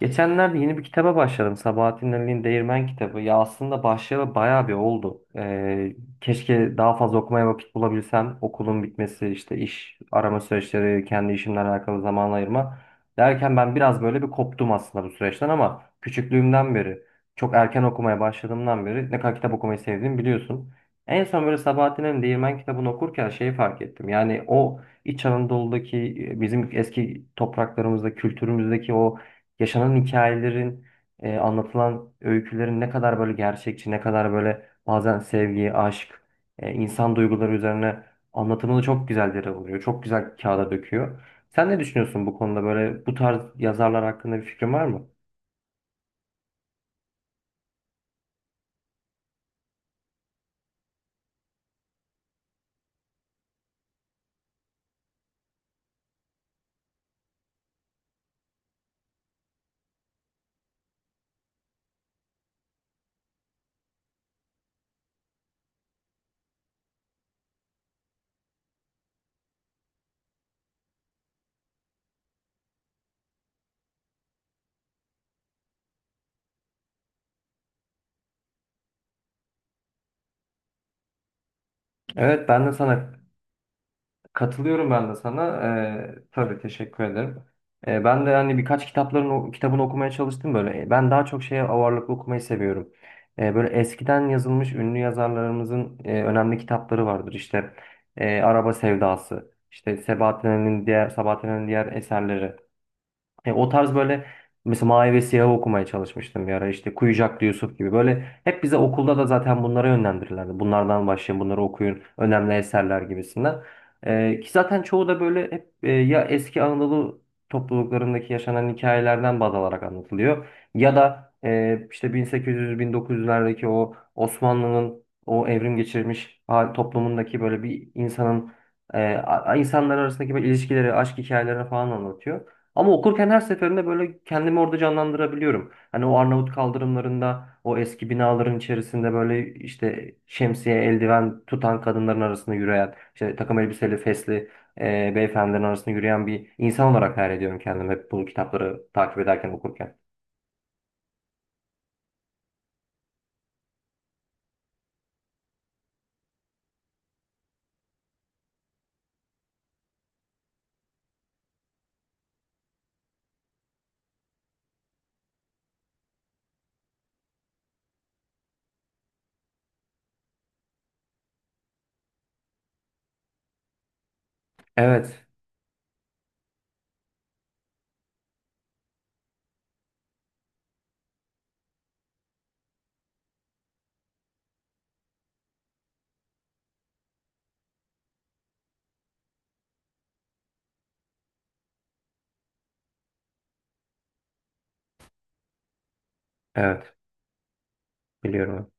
Geçenlerde yeni bir kitaba başladım. Sabahattin Ali'nin Değirmen kitabı. Ya aslında başlayalı bayağı bir oldu. Keşke daha fazla okumaya vakit bulabilsem. Okulun bitmesi, işte iş arama süreçleri, kendi işimle alakalı zaman ayırma derken ben biraz böyle bir koptum aslında bu süreçten ama küçüklüğümden beri, çok erken okumaya başladığımdan beri ne kadar kitap okumayı sevdiğimi biliyorsun. En son böyle Sabahattin Ali'nin Değirmen kitabını okurken şeyi fark ettim. Yani o İç Anadolu'daki bizim eski topraklarımızda, kültürümüzdeki o yaşanan hikayelerin, anlatılan öykülerin ne kadar böyle gerçekçi, ne kadar böyle bazen sevgi, aşk, insan duyguları üzerine anlatımını çok güzel yere vuruyor. Çok güzel kağıda döküyor. Sen ne düşünüyorsun bu konuda, böyle bu tarz yazarlar hakkında bir fikrin var mı? Evet, ben de sana katılıyorum ben de sana. Tabii teşekkür ederim. Ben de hani birkaç kitabını okumaya çalıştım böyle. Ben daha çok şeye ağırlıklı okumayı seviyorum. Böyle eskiden yazılmış ünlü yazarlarımızın önemli kitapları vardır. İşte Araba Sevdası, işte Sabahattin'in diğer eserleri. O tarz böyle, mesela Mavi ve Siyah'ı okumaya çalışmıştım bir ara. İşte Kuyucaklı Yusuf gibi, böyle hep bize okulda da zaten bunlara yönlendirirlerdi. Bunlardan başlayın, bunları okuyun, önemli eserler gibisinden. Ki zaten çoğu da böyle hep ya eski Anadolu topluluklarındaki yaşanan hikayelerden baz alarak anlatılıyor. Ya da işte 1800-1900'lerdeki o Osmanlı'nın o evrim geçirmiş toplumundaki böyle bir insanın insanlar arasındaki böyle ilişkileri, aşk hikayelerini falan anlatıyor. Ama okurken her seferinde böyle kendimi orada canlandırabiliyorum. Hani o Arnavut kaldırımlarında, o eski binaların içerisinde böyle işte şemsiye, eldiven tutan kadınların arasında yürüyen, işte takım elbiseli, fesli beyefendilerin arasında yürüyen bir insan olarak hayal ediyorum kendimi hep bu kitapları takip ederken, okurken. Evet, evet, biliyorum.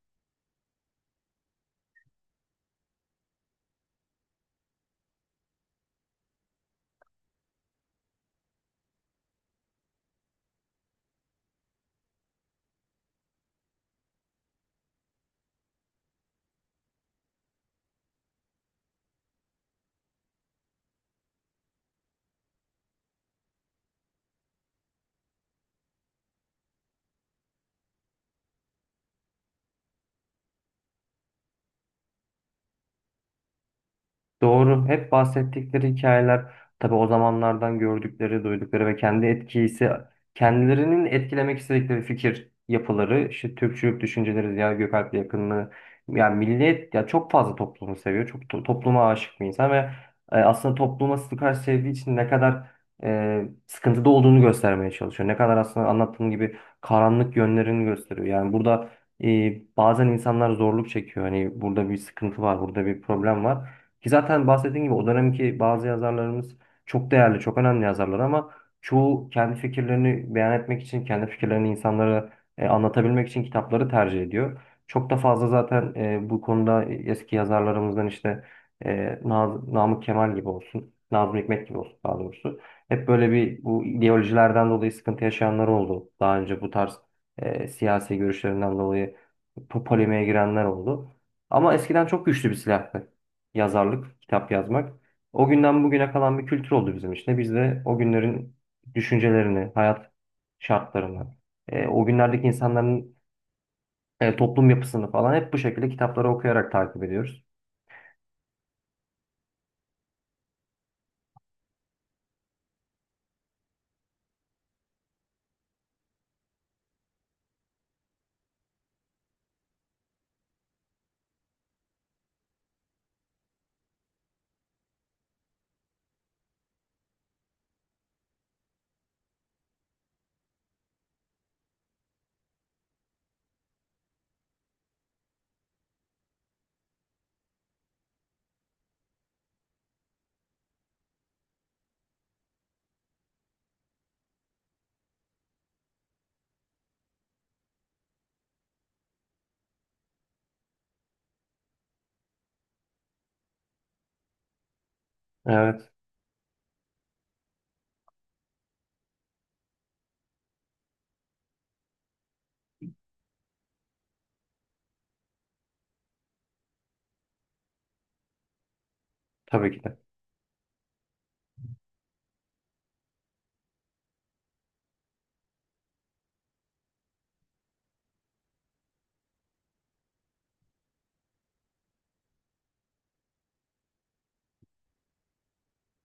Doğru. Hep bahsettikleri hikayeler tabii o zamanlardan gördükleri, duydukları ve kendi etkisi, kendilerinin etkilemek istedikleri fikir yapıları, işte Türkçülük düşünceleri, Ziya Gökalp'le yakınlığı, yani millet ya, çok fazla toplumu seviyor. Topluma aşık bir insan ve aslında topluma karşı sevdiği için ne kadar sıkıntıda olduğunu göstermeye çalışıyor. Ne kadar aslında anlattığım gibi karanlık yönlerini gösteriyor. Yani burada, e, bazen insanlar zorluk çekiyor. Hani burada bir sıkıntı var, burada bir problem var. Ki zaten bahsettiğim gibi o dönemki bazı yazarlarımız çok değerli, çok önemli yazarlar ama çoğu kendi fikirlerini beyan etmek için, kendi fikirlerini insanlara anlatabilmek için kitapları tercih ediyor. Çok da fazla zaten bu konuda eski yazarlarımızdan işte Namık Kemal gibi olsun, Nazım Hikmet gibi olsun daha doğrusu. Hep böyle bir bu ideolojilerden dolayı sıkıntı yaşayanlar oldu. Daha önce bu tarz siyasi görüşlerinden dolayı polemiğe girenler oldu. Ama eskiden çok güçlü bir silah yazarlık, kitap yazmak. O günden bugüne kalan bir kültür oldu bizim işte. Biz de o günlerin düşüncelerini, hayat şartlarını, o günlerdeki insanların toplum yapısını falan hep bu şekilde kitapları okuyarak takip ediyoruz. Evet, tabii ki de.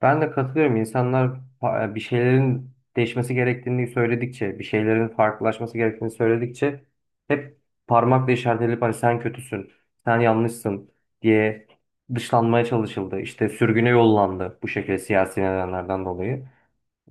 Ben de katılıyorum. İnsanlar bir şeylerin değişmesi gerektiğini söyledikçe, bir şeylerin farklılaşması gerektiğini söyledikçe hep parmakla işaret edilip hani sen kötüsün, sen yanlışsın diye dışlanmaya çalışıldı. İşte sürgüne yollandı, bu şekilde siyasi nedenlerden dolayı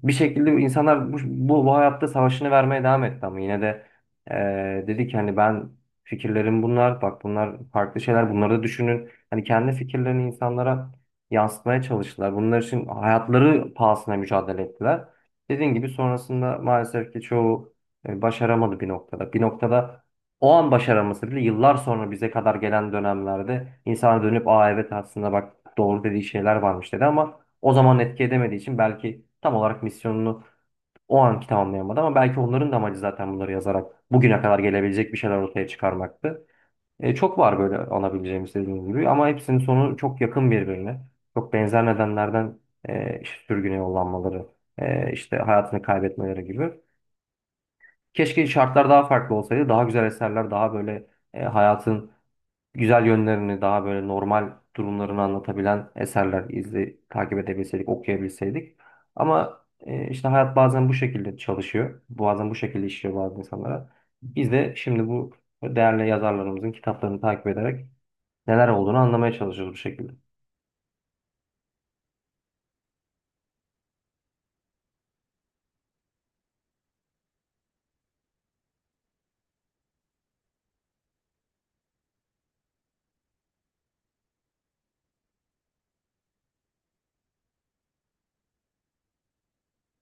bir şekilde insanlar bu hayatta savaşını vermeye devam etti ama yine de dedi ki hani ben, fikirlerim bunlar, bak bunlar farklı şeyler, bunları da düşünün. Hani kendi fikirlerini insanlara yansıtmaya çalıştılar. Bunlar için hayatları pahasına mücadele ettiler. Dediğim gibi sonrasında maalesef ki çoğu başaramadı bir noktada. Bir noktada o an başaraması bile yıllar sonra bize kadar gelen dönemlerde insana dönüp aa evet aslında bak doğru dediği şeyler varmış dedi ama o zaman etki edemediği için belki tam olarak misyonunu o anki tamamlayamadı ama belki onların da amacı zaten bunları yazarak bugüne kadar gelebilecek bir şeyler ortaya çıkarmaktı. Çok var böyle alabileceğimiz dediğim gibi ama hepsinin sonu çok yakın birbirine. Çok benzer nedenlerden işte sürgüne yollanmaları, işte hayatını kaybetmeleri gibi. Keşke şartlar daha farklı olsaydı. Daha güzel eserler, daha böyle hayatın güzel yönlerini, daha böyle normal durumlarını anlatabilen eserler izle takip edebilseydik, okuyabilseydik. Ama işte hayat bazen bu şekilde çalışıyor. Bazen bu şekilde işliyor bazı insanlara. Biz de şimdi bu değerli yazarlarımızın kitaplarını takip ederek neler olduğunu anlamaya çalışıyoruz bu şekilde.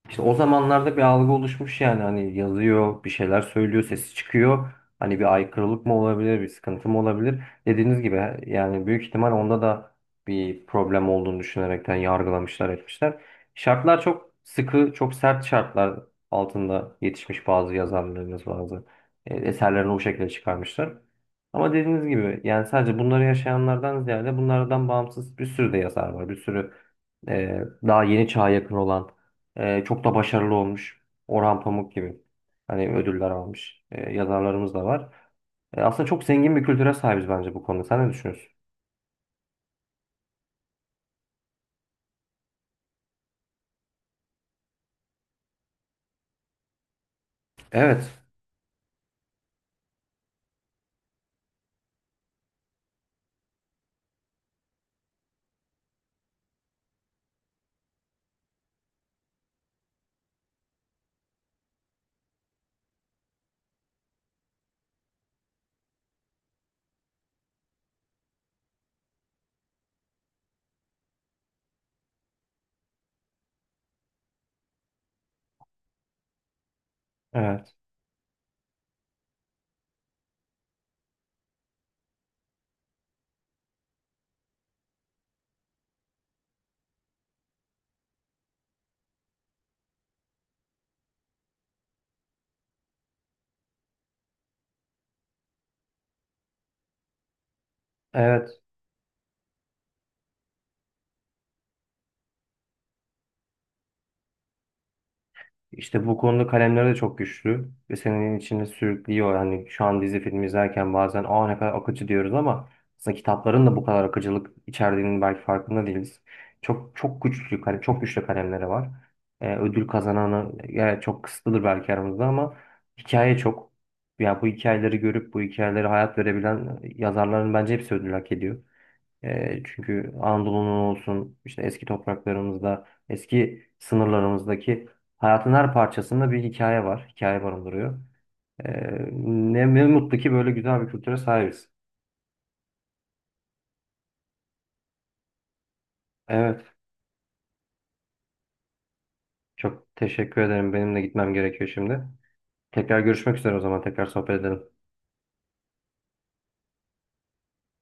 İşte o zamanlarda bir algı oluşmuş yani, hani yazıyor, bir şeyler söylüyor, sesi çıkıyor. Hani bir aykırılık mı olabilir, bir sıkıntı mı olabilir? Dediğiniz gibi yani büyük ihtimal onda da bir problem olduğunu düşünerekten yargılamışlar, etmişler. Şartlar çok sıkı, çok sert şartlar altında yetişmiş bazı yazarlarımız, bazı eserlerini o şekilde çıkarmışlar. Ama dediğiniz gibi yani sadece bunları yaşayanlardan ziyade bunlardan bağımsız bir sürü de yazar var. Bir sürü e, daha yeni çağa yakın olan çok da başarılı olmuş. Orhan Pamuk gibi. Hani ödüller almış. Yazarlarımız da var. Aslında çok zengin bir kültüre sahibiz bence bu konuda. Sen ne düşünüyorsun? Evet. Evet. Evet. İşte bu konuda kalemleri de çok güçlü ve senin içinde sürüklüyor. Hani şu an dizi film izlerken bazen aa ne kadar akıcı diyoruz ama aslında kitapların da bu kadar akıcılık içerdiğinin belki farkında değiliz. Çok çok güçlü çok güçlü kalemleri var. Ödül kazananı yani çok kısıtlıdır belki aramızda ama hikaye çok. Ya bu hikayeleri görüp bu hikayeleri hayat verebilen yazarların bence hepsi ödül hak ediyor. Çünkü Anadolu'nun olsun, işte eski topraklarımızda, eski sınırlarımızdaki hayatın her parçasında bir hikaye var. Hikaye barındırıyor. E, ne mutlu ki böyle güzel bir kültüre sahibiz. Evet, çok teşekkür ederim. Benim de gitmem gerekiyor şimdi. Tekrar görüşmek üzere o zaman. Tekrar sohbet edelim.